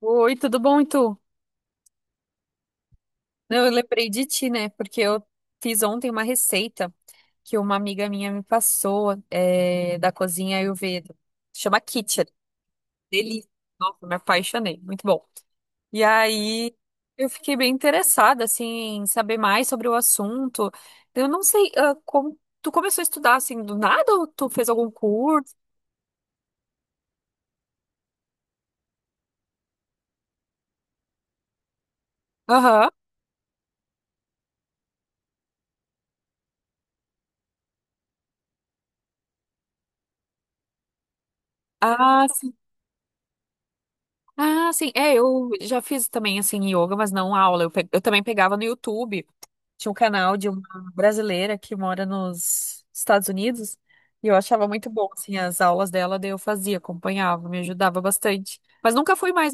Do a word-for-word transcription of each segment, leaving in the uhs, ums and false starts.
Oi, tudo bom, e tu? Não, eu lembrei de ti, né? Porque eu fiz ontem uma receita que uma amiga minha me passou, é, da cozinha Ayurveda. Chama Kitchen. Delícia. Nossa, me apaixonei. Muito bom. E aí eu fiquei bem interessada, assim, em saber mais sobre o assunto. Eu não sei, ah, como... Tu começou a estudar, assim, do nada ou tu fez algum curso? Aham. Ah, sim. Ah, sim. É, eu já fiz também, assim, yoga, mas não aula. Eu, pe- eu também pegava no YouTube. Tinha um canal de uma brasileira que mora nos Estados Unidos e eu achava muito bom, assim, as aulas dela, daí eu fazia, acompanhava, me ajudava bastante. Mas nunca fui mais.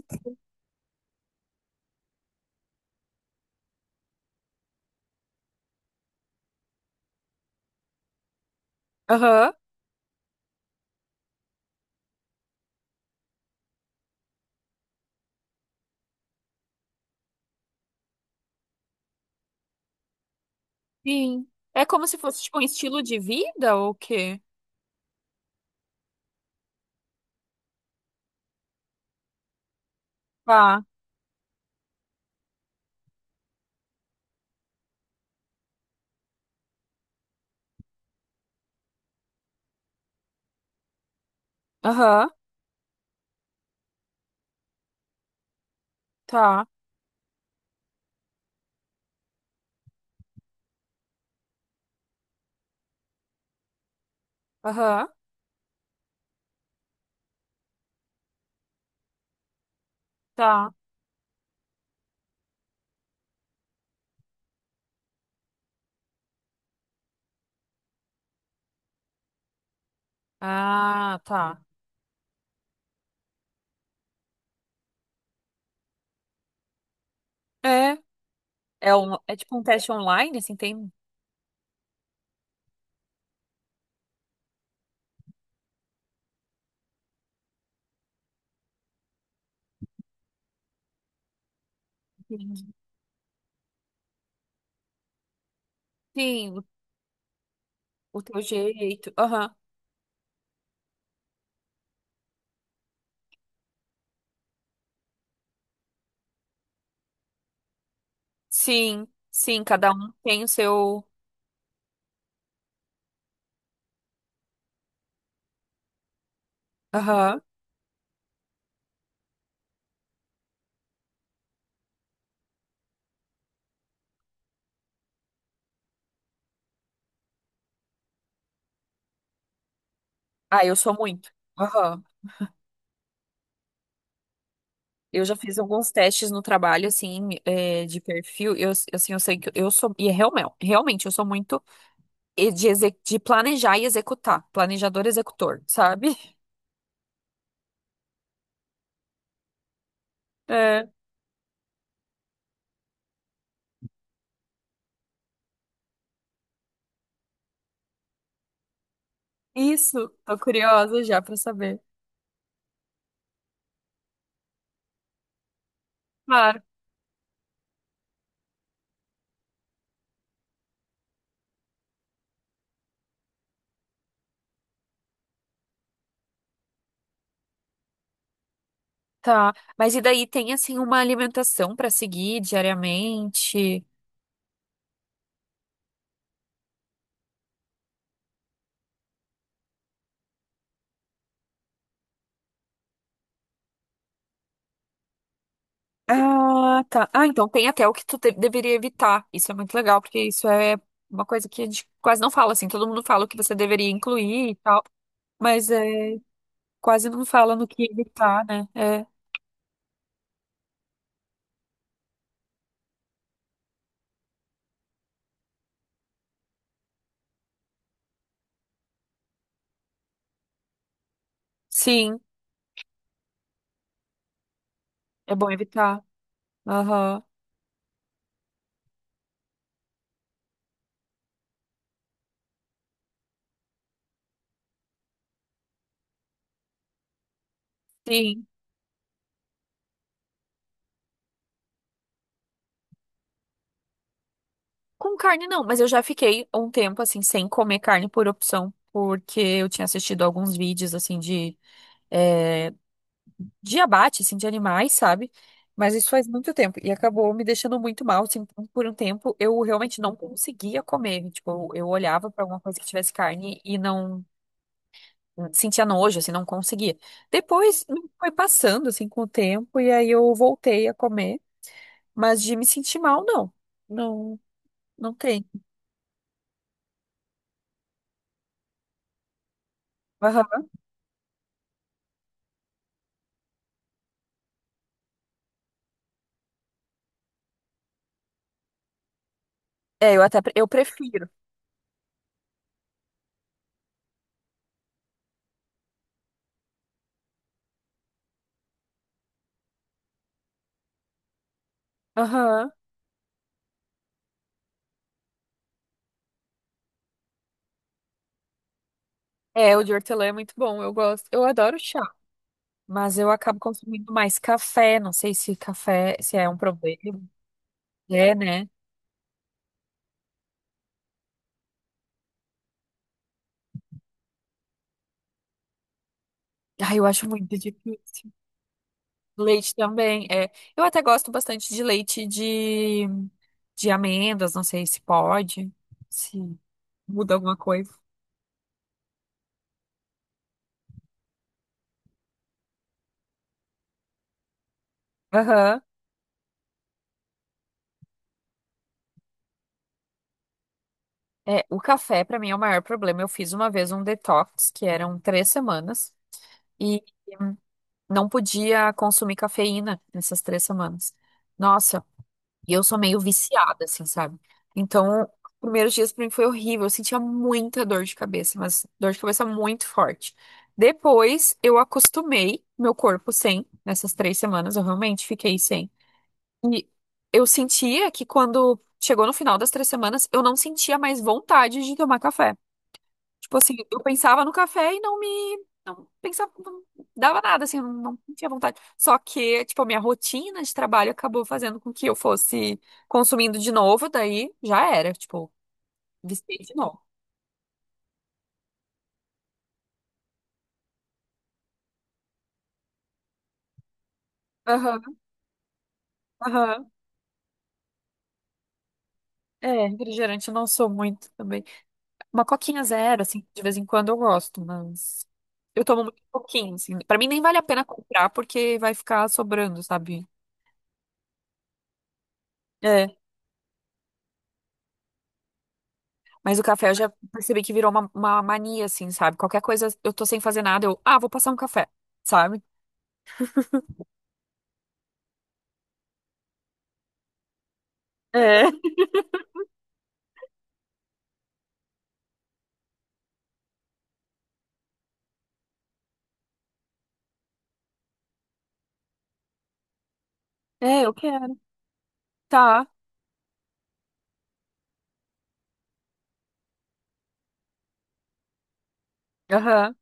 Aham, sim. É como se fosse, tipo, um estilo de vida ou o quê? Tá. Aham, tá. Aham, tá. Ah, tá. É. É, um, é tipo um teste online, assim, tem. Entendi. Sim, o, o teu jeito. Aham. Sim, sim, cada um tem o seu. Aham. Ah, eu sou muito. Aham. Eu já fiz alguns testes no trabalho, assim, é, de perfil. Eu, assim, eu sei que eu sou. E é realmente, realmente, eu sou muito e de, exe- de planejar e executar. Planejador, executor, sabe? É, isso. Tô curiosa já pra saber. Claro. Tá. Mas e daí tem, assim, uma alimentação pra seguir diariamente? Ah, tá. Ah, então tem até o que tu de- deveria evitar. Isso é muito legal, porque isso é uma coisa que a gente quase não fala, assim, todo mundo fala o que você deveria incluir e tal. Mas é, quase não fala no que evitar, né? É, sim, é bom evitar. Aham, sim. Com carne não, mas eu já fiquei um tempo assim sem comer carne por opção, porque eu tinha assistido alguns vídeos assim de é, de abate assim de animais, sabe? Mas isso faz muito tempo e acabou me deixando muito mal, assim, então, por um tempo eu realmente não conseguia comer, tipo, eu eu olhava para alguma coisa que tivesse carne e não Hum. sentia nojo, assim, não conseguia. Depois hum, foi passando, assim, com o tempo, e aí eu voltei a comer, mas de me sentir mal, não. Não, não tem. Aham. É, eu até, pre- eu prefiro. Aham. É, o de hortelã é muito bom, eu gosto. Eu adoro chá, mas eu acabo consumindo mais café, não sei se café, se é um problema. É, né? Ah, eu acho muito difícil. Leite também, é. Eu até gosto bastante de leite de, de amêndoas, não sei se pode. Sim, muda alguma coisa. Aham. É, o café pra mim é o maior problema. Eu fiz uma vez um detox, que eram três semanas, e não podia consumir cafeína nessas três semanas. Nossa, e eu sou meio viciada, assim, sabe? Então, os primeiros dias pra mim foi horrível. Eu sentia muita dor de cabeça, mas dor de cabeça muito forte. Depois, eu acostumei meu corpo sem, nessas três semanas, eu realmente fiquei sem. E eu sentia que quando chegou no final das três semanas, eu não sentia mais vontade de tomar café. Tipo assim, eu pensava no café e não me. Não pensava, não dava nada, assim, eu não tinha vontade. Só que, tipo, a minha rotina de trabalho acabou fazendo com que eu fosse consumindo de novo, daí já era, tipo, viciei de novo. Aham, aham. É, refrigerante eu não sou muito também. Uma coquinha zero, assim, de vez em quando eu gosto, mas eu tomo muito pouquinho, assim. Pra mim nem vale a pena comprar porque vai ficar sobrando, sabe? É, mas o café eu já percebi que virou uma, uma mania, assim, sabe? Qualquer coisa, eu tô sem fazer nada, eu, ah, vou passar um café, sabe? É, é, eu quero. Tá. Aham.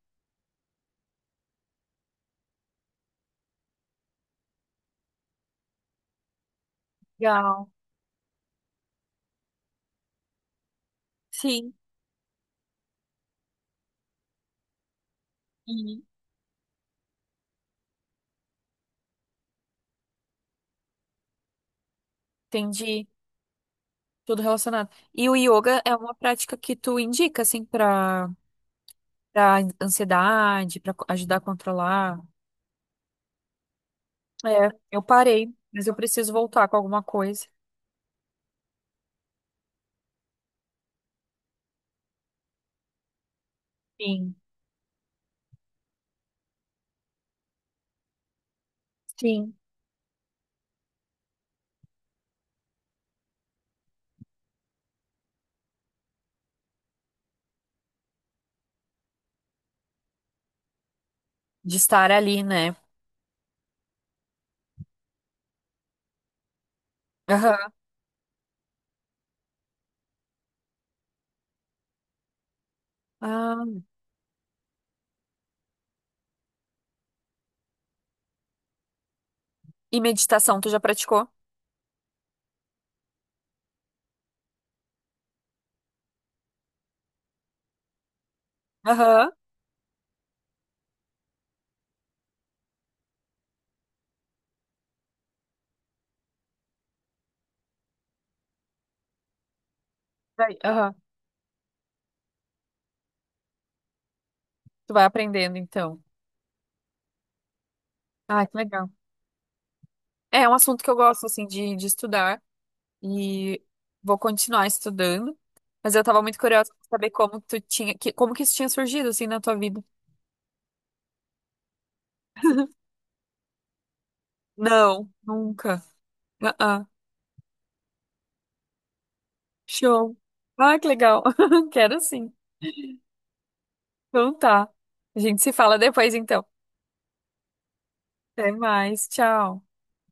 Legal. Sim. Uhum. Entendi. Tudo relacionado. E o yoga é uma prática que tu indica, assim, pra, pra, ansiedade, pra co- ajudar a controlar. É, eu parei, mas eu preciso voltar com alguma coisa. Sim, sim. De estar ali, né? Aham. Ah, e meditação, tu já praticou? Aham. Vai- Aham. Tu vai aprendendo, então. Ah, que legal. É é um assunto que eu gosto, assim, de, de, estudar e vou continuar estudando. Mas eu tava muito curiosa pra saber como tu tinha, que, como que isso tinha surgido, assim, na tua vida. Não, nunca. Ah, Show. Ah, que legal. Quero sim. Então tá. A gente se fala depois, então. Até mais, tchau.